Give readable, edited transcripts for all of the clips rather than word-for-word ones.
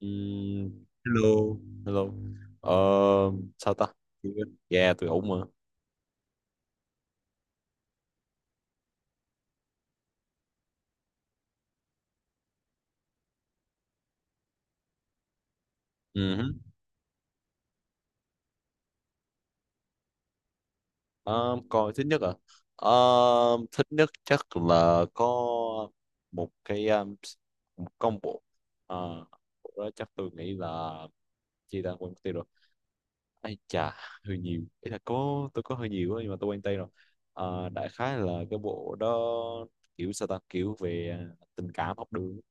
Ừm, Hello. Hello. ờ, Sao ta, yeah, tôi ổn mà. Ừ hứ. Ờ, Coi thích nhất à? Ờ, Thích nhất chắc là có một cái, một combo. Ờ, Bộ đó chắc tôi nghĩ là, chi ta, quên mất tiêu rồi. Ai chà, hơi nhiều, ý là có, tôi có hơi nhiều á, nhưng mà tôi quên tên rồi. Đại khái là cái bộ đó kiểu, sao ta, kiểu về, à, tình cảm học đường á.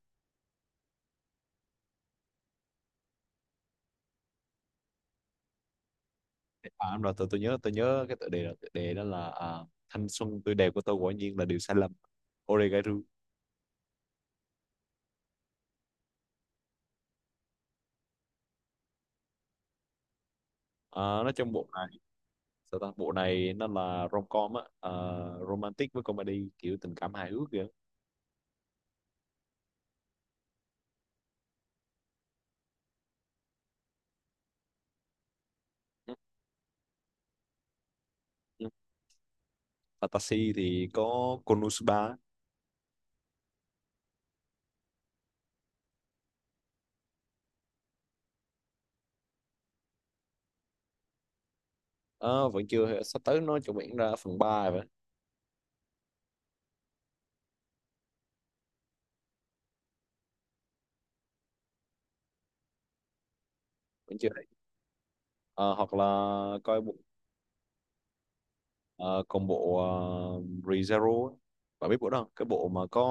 À, đúng rồi, tôi nhớ cái tựa đề là, tựa đề đó là, à, thanh xuân tươi đẹp của tôi quả nhiên là điều sai lầm. Oregairu. À, nói trong bộ này, sao ta, bộ này nó là rom-com á, à, romantic với comedy, kiểu tình cảm hài hước kìa. Ừ, ừ. Fantasy thì có Konosuba. Ờ, Vẫn chưa, sắp tới nó chuẩn bị ra phần ba vậy. Vẫn chưa. Ờ, Hoặc là coi bộ, ờ, còn bộ, ReZero á. Bạn biết bộ đó không? Cái bộ mà có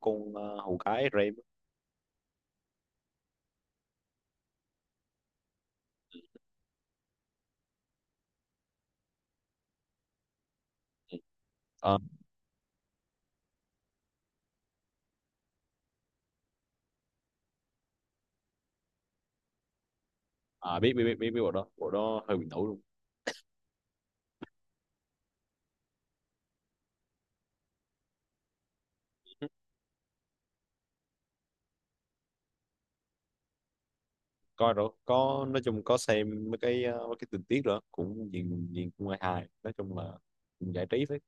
con, hầu gái Rem. À, biết biết biết biết biết bộ đó, bộ đó hơi bị nổi luôn. coi rồi, có, nói chung có xem mấy cái, mấy cái tình tiết rồi cũng nhìn nhìn cũng hay, hài, nói chung là cũng giải trí phết.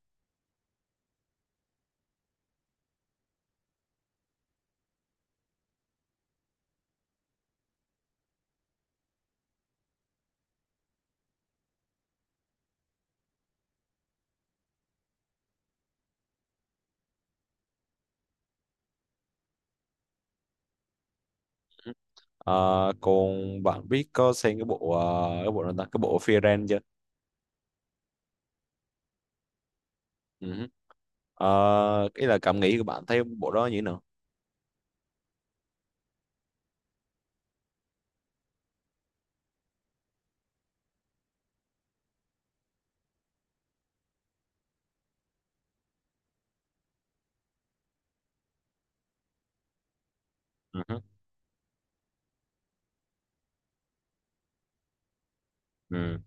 à, còn bạn biết có xem cái bộ, cái bộ nào ta, cái bộ Fear chưa? Ừ. À, cái là cảm nghĩ của bạn thấy bộ đó như thế nào? Ừ. Ừ.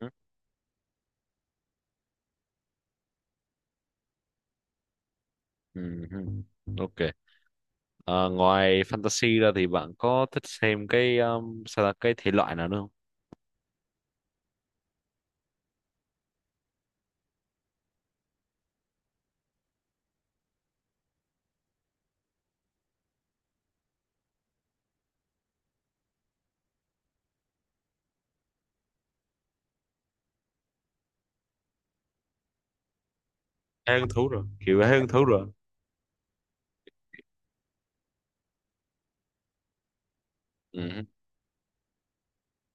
Ừ. Ừ. Ừ hứ. Ok. Ờ, Ngoài fantasy ra thì bạn có thích xem cái, sao là cái thể loại nào nữa không? Thấy hứng thú rồi, kiểu thấy hứng thú rồi.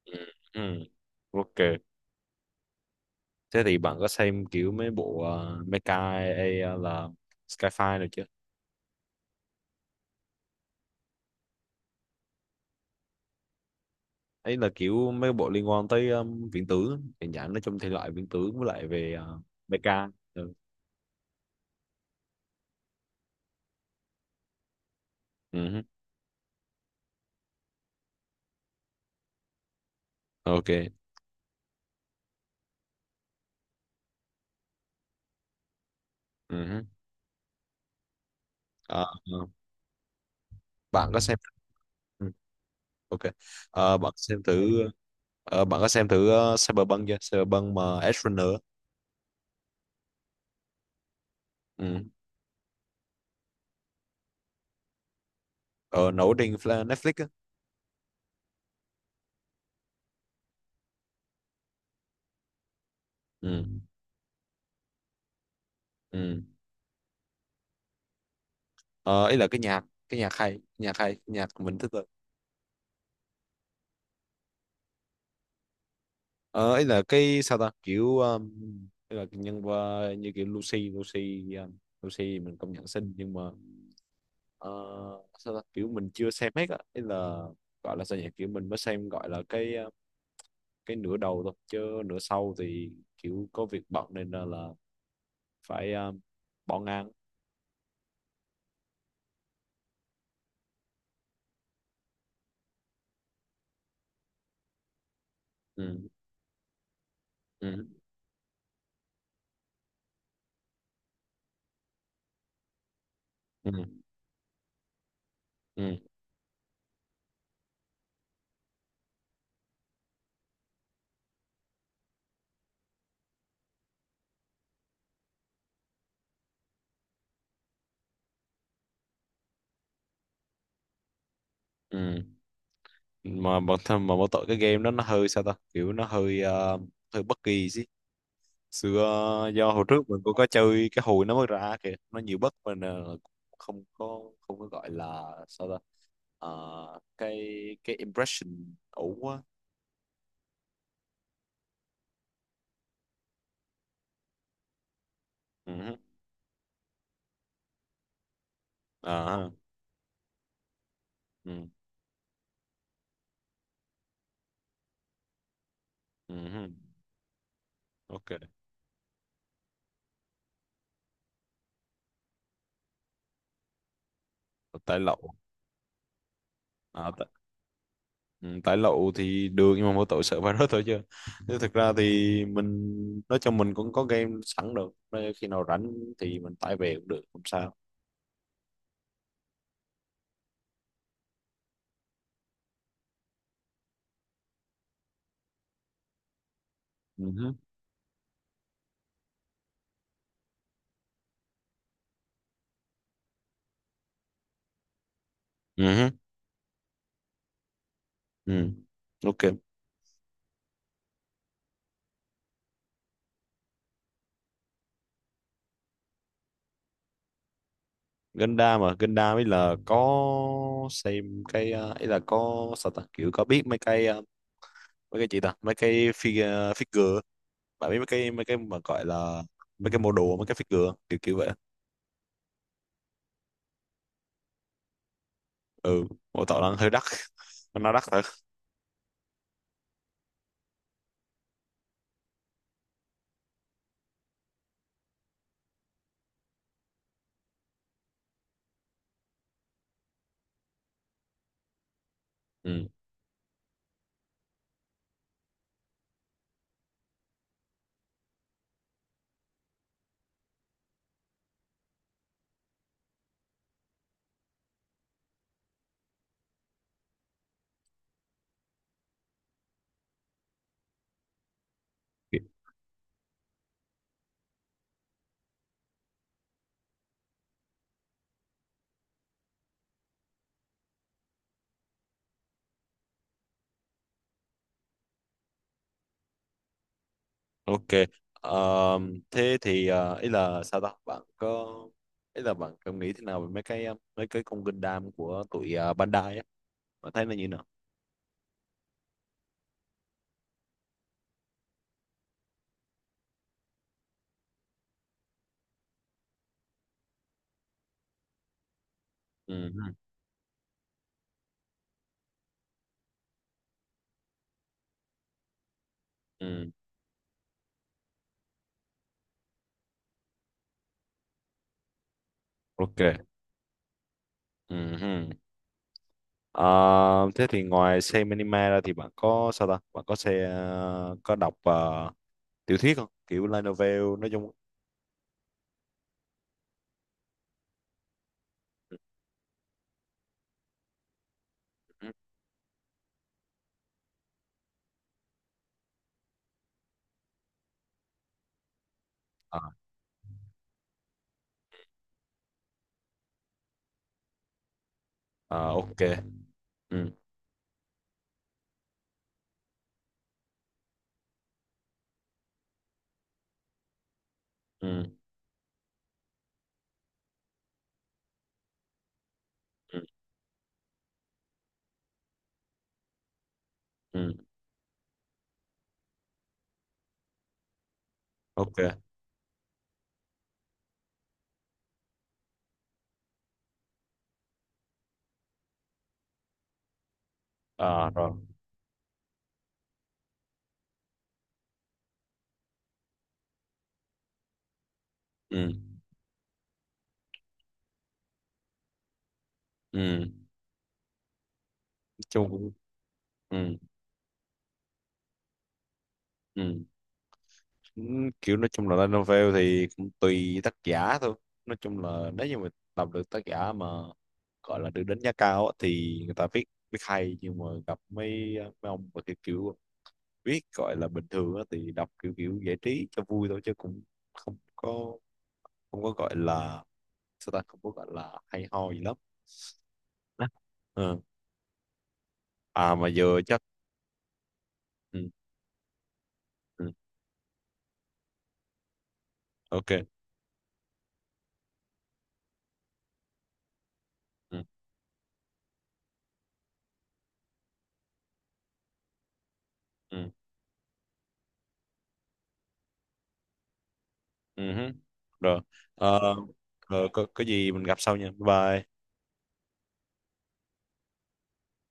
Ừ. Ừ. Ok. Thế thì bạn có xem kiểu mấy bộ, Mecha hay, là Skyfire được chưa? Ấy là kiểu mấy bộ liên quan tới, viễn tưởng, hiện dạng nó trong thể loại viễn tưởng với lại về, Mecha. Ừ. Ừ hứ. Ok. Ừ hứ. Ờ, ờ. bạn có xem Ừ. Ok. Bạn xem thử, bạn có xem thử, Cyberpunk chưa? Cyberpunk mà Edge Runner á. Ừ. Ờ, Nổi trên Netflix á. Ừ. Ừ. Ờ, Ấy là cái nhạc hay, nhạc hay, nhạc mình thích. Ờ Ấy là cái, sao ta, kiểu, ấy là nhân qua như kiểu Lucy Lucy, Lucy mình công nhận xinh nhưng mà, ờ, sao ta, kiểu mình chưa xem hết á. Ấy là gọi là sao nhỉ, kiểu mình mới xem gọi là cái, cái nửa đầu thôi, chứ nửa sau thì kiểu có việc bận nên là phải, bỏ ngang. Ừ, ừ, ừ, ừ, ừ. Mà bản thân mà mỗi tội cái game đó nó hơi, sao ta, kiểu nó hơi, hơi bất kỳ xưa, do hồi trước mình cũng có chơi cái hồi nó mới ra kìa, nó nhiều bất mình, uh, không có gọi là, sao ta, Ờ, cái cái impression ủ quá. Ừ. À ha. Ừ. Ừ. Ok, tải lậu à, tại, ừ, tải lậu thì được nhưng mà mỗi tội sợ virus thôi, chứ chứ thực ra thì mình, nói chung mình cũng có game sẵn được. Nên khi nào rảnh thì mình tải về cũng được, không sao. Ừ hứ. Ừ. Ừ. Ok. Gundam mà Gundam, ấy là có xem cái, ấy là có, sao ta, kiểu có biết mấy cái, mấy cái gì ta, mấy cái figure, figure, bạn biết mấy cái mà gọi là mấy cái mô đồ, mấy cái figure kiểu kiểu vậy. Ừ. Mô tạo đang hơi đắt, nó đắt thật. Ừ. Ok. Ờ, Thế thì, ý là, sao ta, bạn có, ý là bạn có nghĩ thế nào về mấy cái, mấy cái con Gundam của tụi, Bandai á, bạn thấy nó như nào? Ừ. Ừ. Ok. Ừ. Ờ, Thế thì ngoài xem anime ra thì bạn có, sao ta? Bạn có có đọc, tiểu thuyết không? Kiểu light novel nói chung. Ừ. Ờ, ờ, ok. Ừ, ừ, ừ, ừ. Ok. Ờ, rồi. Ừ. Ừ. Chung cũng- ừ, ừ. Ừ, kiểu nói chung là light novel thì cũng tùy tác giả thôi. Nói chung là nếu như mà đọc được tác giả mà gọi là được đánh giá cao á, thì người ta viết viết hay, nhưng mà gặp mấy mấy ông mà kiểu viết gọi là bình thường á, thì đọc kiểu kiểu giải trí cho vui thôi, chứ cũng không có không có gọi là, sao ta, không có gọi là hay ho gì lắm. Ừ. À mà giờ chắc. Ừ, ừ, ok. Ừ, ừ, ừ hứ. Rồi. Ờ, Rồi có gì mình gặp sau nha, bye bye.